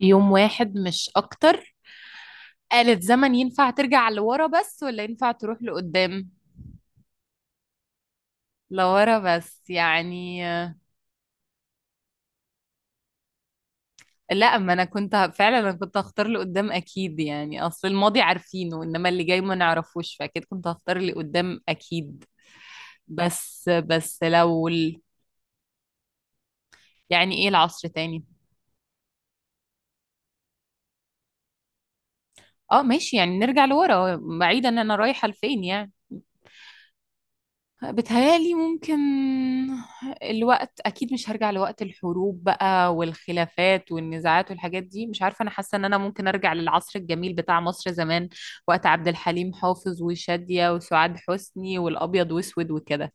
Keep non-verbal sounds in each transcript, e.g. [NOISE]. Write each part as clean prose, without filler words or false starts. يوم واحد مش اكتر. آلة زمن ينفع ترجع لورا بس ولا ينفع تروح لقدام؟ لورا بس يعني لا، ما انا كنت ه- فعلا انا كنت هختار لقدام اكيد، يعني اصل الماضي عارفينه انما اللي جاي ما نعرفوش، فاكيد كنت هختار اللي قدام اكيد. بس يعني ايه العصر تاني؟ اه ماشي، يعني نرجع لورا بعيدا، انا رايحة لفين يعني؟ بتهيألي ممكن الوقت. أكيد مش هرجع لوقت الحروب بقى والخلافات والنزاعات والحاجات دي، مش عارفة، أنا حاسة إن أنا ممكن أرجع للعصر الجميل بتاع مصر زمان، وقت عبد الحليم حافظ وشادية وسعاد حسني والأبيض وأسود وكده.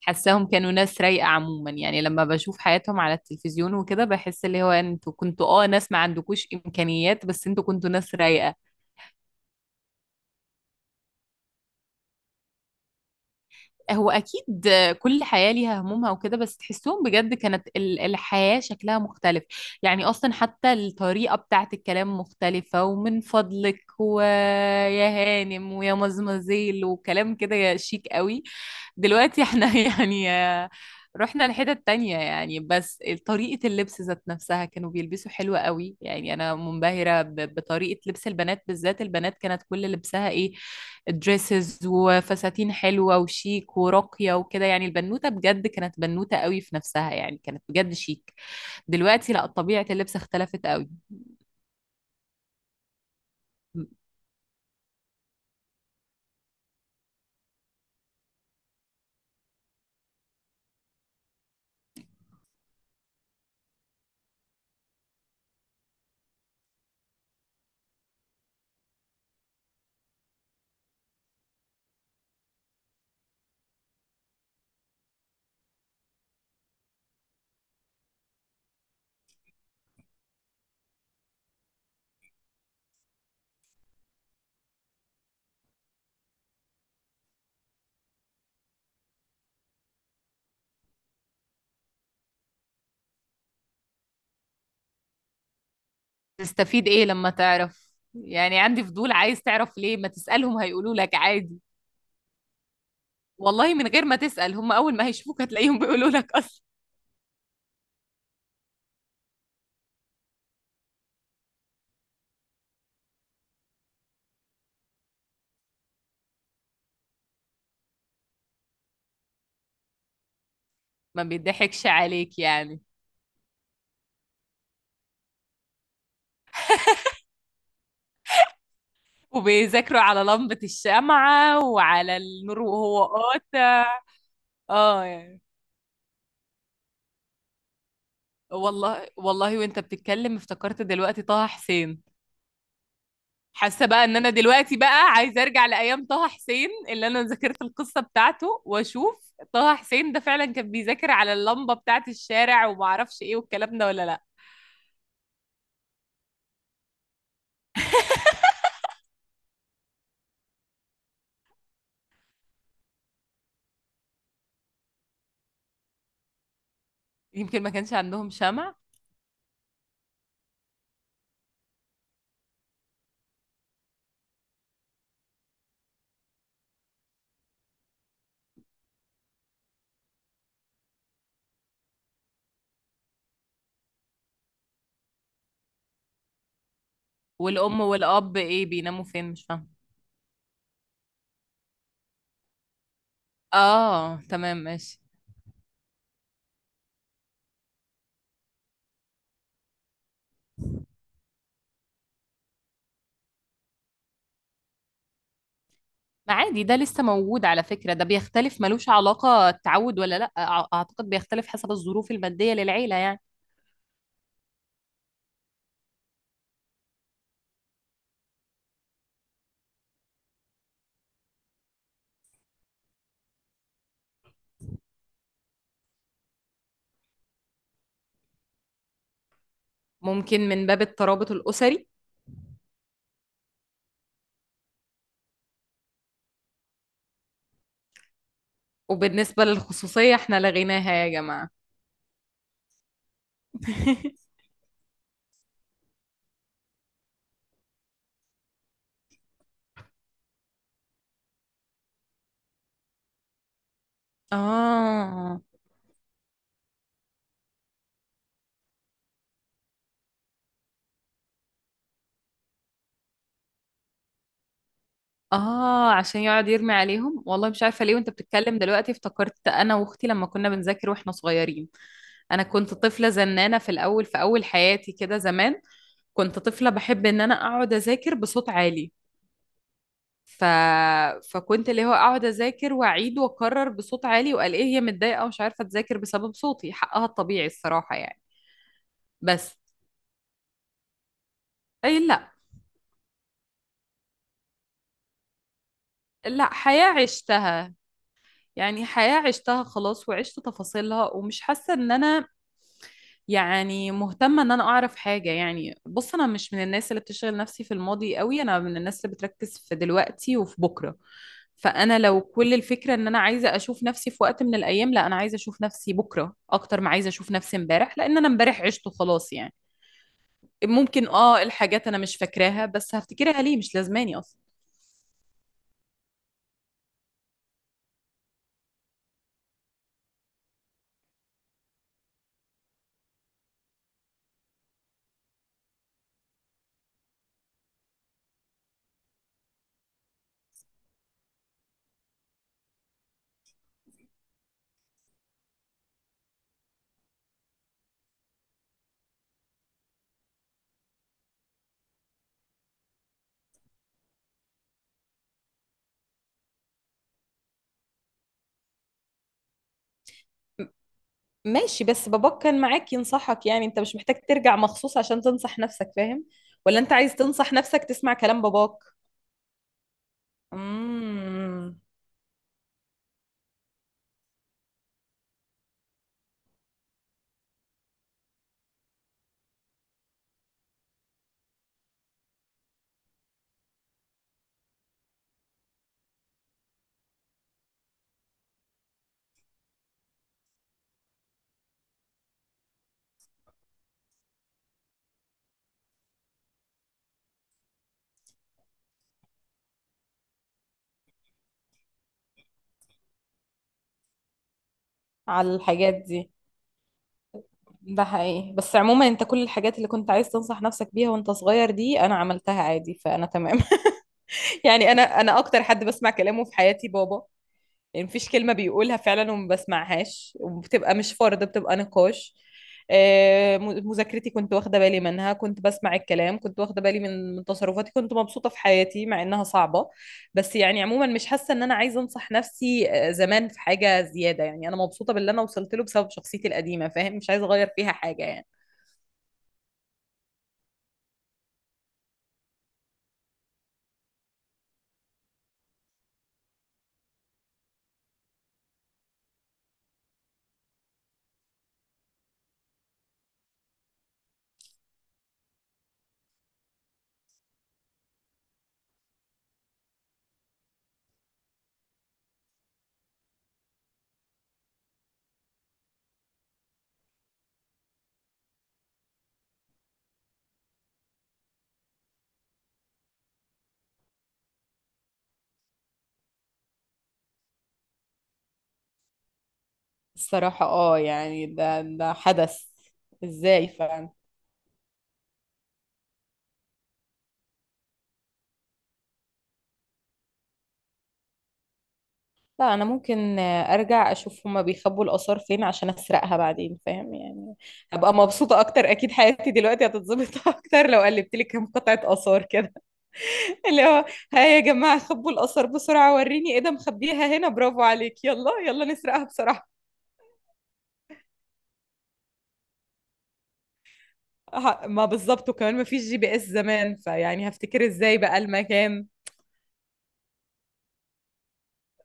حاساهم كانوا ناس رايقة عموما، يعني لما بشوف حياتهم على التلفزيون وكده بحس اللي هو انتوا كنتوا ناس ما عندكوش إمكانيات بس انتوا كنتوا ناس رايقة. هو اكيد كل حياه ليها همومها وكده، بس تحسهم بجد كانت الحياه شكلها مختلف. يعني اصلا حتى الطريقه بتاعت الكلام مختلفه، ومن فضلك ويا هانم ويا مزمزيل وكلام كده شيك قوي. دلوقتي احنا [LAUGHS] يعني رحنا لحتت تانية يعني. بس طريقة اللبس ذات نفسها كانوا بيلبسوا حلوة قوي، يعني أنا منبهرة بطريقة لبس البنات، بالذات البنات كانت كل لبسها إيه، دريسز وفساتين حلوة وشيك وراقية وكده، يعني البنوتة بجد كانت بنوتة قوي في نفسها يعني، كانت بجد شيك. دلوقتي لا، طبيعة اللبس اختلفت قوي. تستفيد ايه لما تعرف؟ يعني عندي فضول عايز تعرف ليه؟ ما تسألهم هيقولوا لك عادي. والله من غير ما تسأل، هم اول ما هيشوفوك هتلاقيهم بيقولوا لك اصلا. ما بيضحكش عليك يعني. وبيذاكروا على لمبة الشمعة وعلى النور وهو قاطع. اه يعني. والله والله وانت بتتكلم افتكرت دلوقتي طه حسين. حاسه بقى ان انا دلوقتي بقى عايزه ارجع لايام طه حسين، اللي انا ذاكرت القصه بتاعته، واشوف طه حسين ده فعلا كان بيذاكر على اللمبه بتاعه الشارع وما اعرفش ايه والكلام ده ولا لا. يمكن ما كانش عندهم شمع. والام والاب ايه بيناموا فين؟ مش فاهمه. اه تمام ماشي. ما عادي، ده لسه موجود على فكره، ده بيختلف ملوش علاقه التعود ولا لا، اعتقد بيختلف حسب الظروف الماديه للعيله يعني. ممكن من باب الترابط الاسري. وبالنسبة للخصوصية احنا لغيناها يا جماعة. [LAUGHS] اه اه. عشان يقعد يرمي عليهم. والله مش عارفة ليه وانت بتتكلم دلوقتي افتكرت انا واختي لما كنا بنذاكر واحنا صغيرين. انا كنت طفلة زنانة في الاول، في اول حياتي كده زمان، كنت طفلة بحب ان انا اقعد اذاكر بصوت عالي. ف... فكنت اللي هو اقعد اذاكر واعيد واكرر بصوت عالي، وقال ايه هي متضايقة ومش عارفة تذاكر بسبب صوتي، حقها الطبيعي الصراحة يعني. بس اي لا. لا، حياة عشتها، يعني حياة عشتها خلاص، وعشت تفاصيلها، ومش حاسة ان انا يعني مهتمة ان انا اعرف حاجة يعني. بص انا مش من الناس اللي بتشغل نفسي في الماضي قوي، انا من الناس اللي بتركز في دلوقتي وفي بكرة. فانا لو كل الفكرة ان انا عايزة اشوف نفسي في وقت من الايام، لا، انا عايزة اشوف نفسي بكرة اكتر ما عايزة اشوف نفسي امبارح، لان انا امبارح عشته خلاص يعني. ممكن، الحاجات انا مش فاكراها بس هفتكرها ليه، مش لازماني اصلا. ماشي، بس باباك كان معاك ينصحك، يعني انت مش محتاج ترجع مخصوص عشان تنصح نفسك، فاهم؟ ولا انت عايز تنصح نفسك تسمع كلام باباك؟ امم. على الحاجات دي. ده حقيقي، بس عموما انت كل الحاجات اللي كنت عايز تنصح نفسك بيها وانت صغير دي انا عملتها عادي، فانا تمام. [LAUGHS] يعني انا اكتر حد بسمع كلامه في حياتي بابا. يعني مفيش كلمة بيقولها فعلا وما بسمعهاش، وبتبقى مش فرض، بتبقى نقاش. مذاكرتي كنت واخدة بالي منها، كنت بسمع الكلام، كنت واخدة بالي من تصرفاتي، كنت مبسوطة في حياتي مع إنها صعبة. بس يعني عموما مش حاسة إن أنا عايزة أنصح نفسي زمان في حاجة زيادة، يعني أنا مبسوطة باللي أنا وصلت له بسبب شخصيتي القديمة، فاهم؟ مش عايزة أغير فيها حاجة يعني. الصراحة يعني ده حدث ازاي؟ لا، انا ممكن ارجع اشوف هما بيخبوا الاثار فين عشان اسرقها بعدين، فاهم يعني؟ هبقى مبسوطه اكتر اكيد، حياتي دلوقتي هتتظبط [LAUGHS] اكتر لو قلبت لي كام قطعه اثار كده. [LAUGHS] اللي هو ها يا جماعه خبوا الاثار بسرعه، وريني ايه ده، مخبيها هنا، برافو عليك، يلا يلا نسرقها بسرعه. ما بالظبط، وكمان ما فيش GPS زمان فيعني هفتكر ازاي بقى المكان.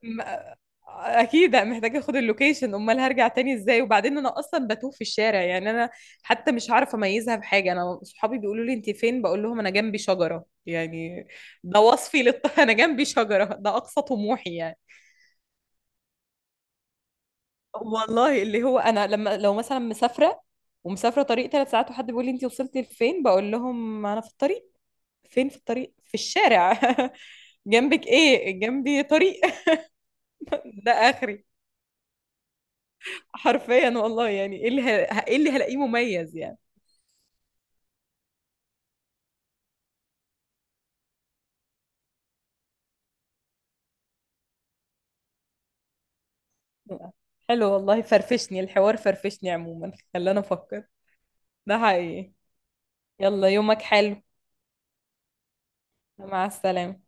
م- اكيد محتاجه اخد اللوكيشن، امال هرجع تاني ازاي؟ وبعدين انا اصلا بتوه في الشارع يعني، انا حتى مش عارفه اميزها بحاجه، انا صحابي بيقولوا لي انت فين، بقول لهم انا جنبي شجره يعني. [LAUGHS] انا جنبي شجره، ده اقصى طموحي يعني. والله اللي هو انا لما لو مثلا مسافره، ومسافره طريق 3 ساعات، وحد بيقول لي انت وصلتي لفين، بقول لهم انا في الطريق. فين في الطريق؟ في الشارع. [LAUGHS] جنبك ايه؟ جنبي طريق. [LAUGHS] ده اخري. حرفيا والله. يعني ايه اللي هلاقيه مميز يعني؟ حلو والله، فرفشني الحوار، فرفشني عموما، خلاني افكر. ده حقيقي. يلا يومك حلو. مع السلامة.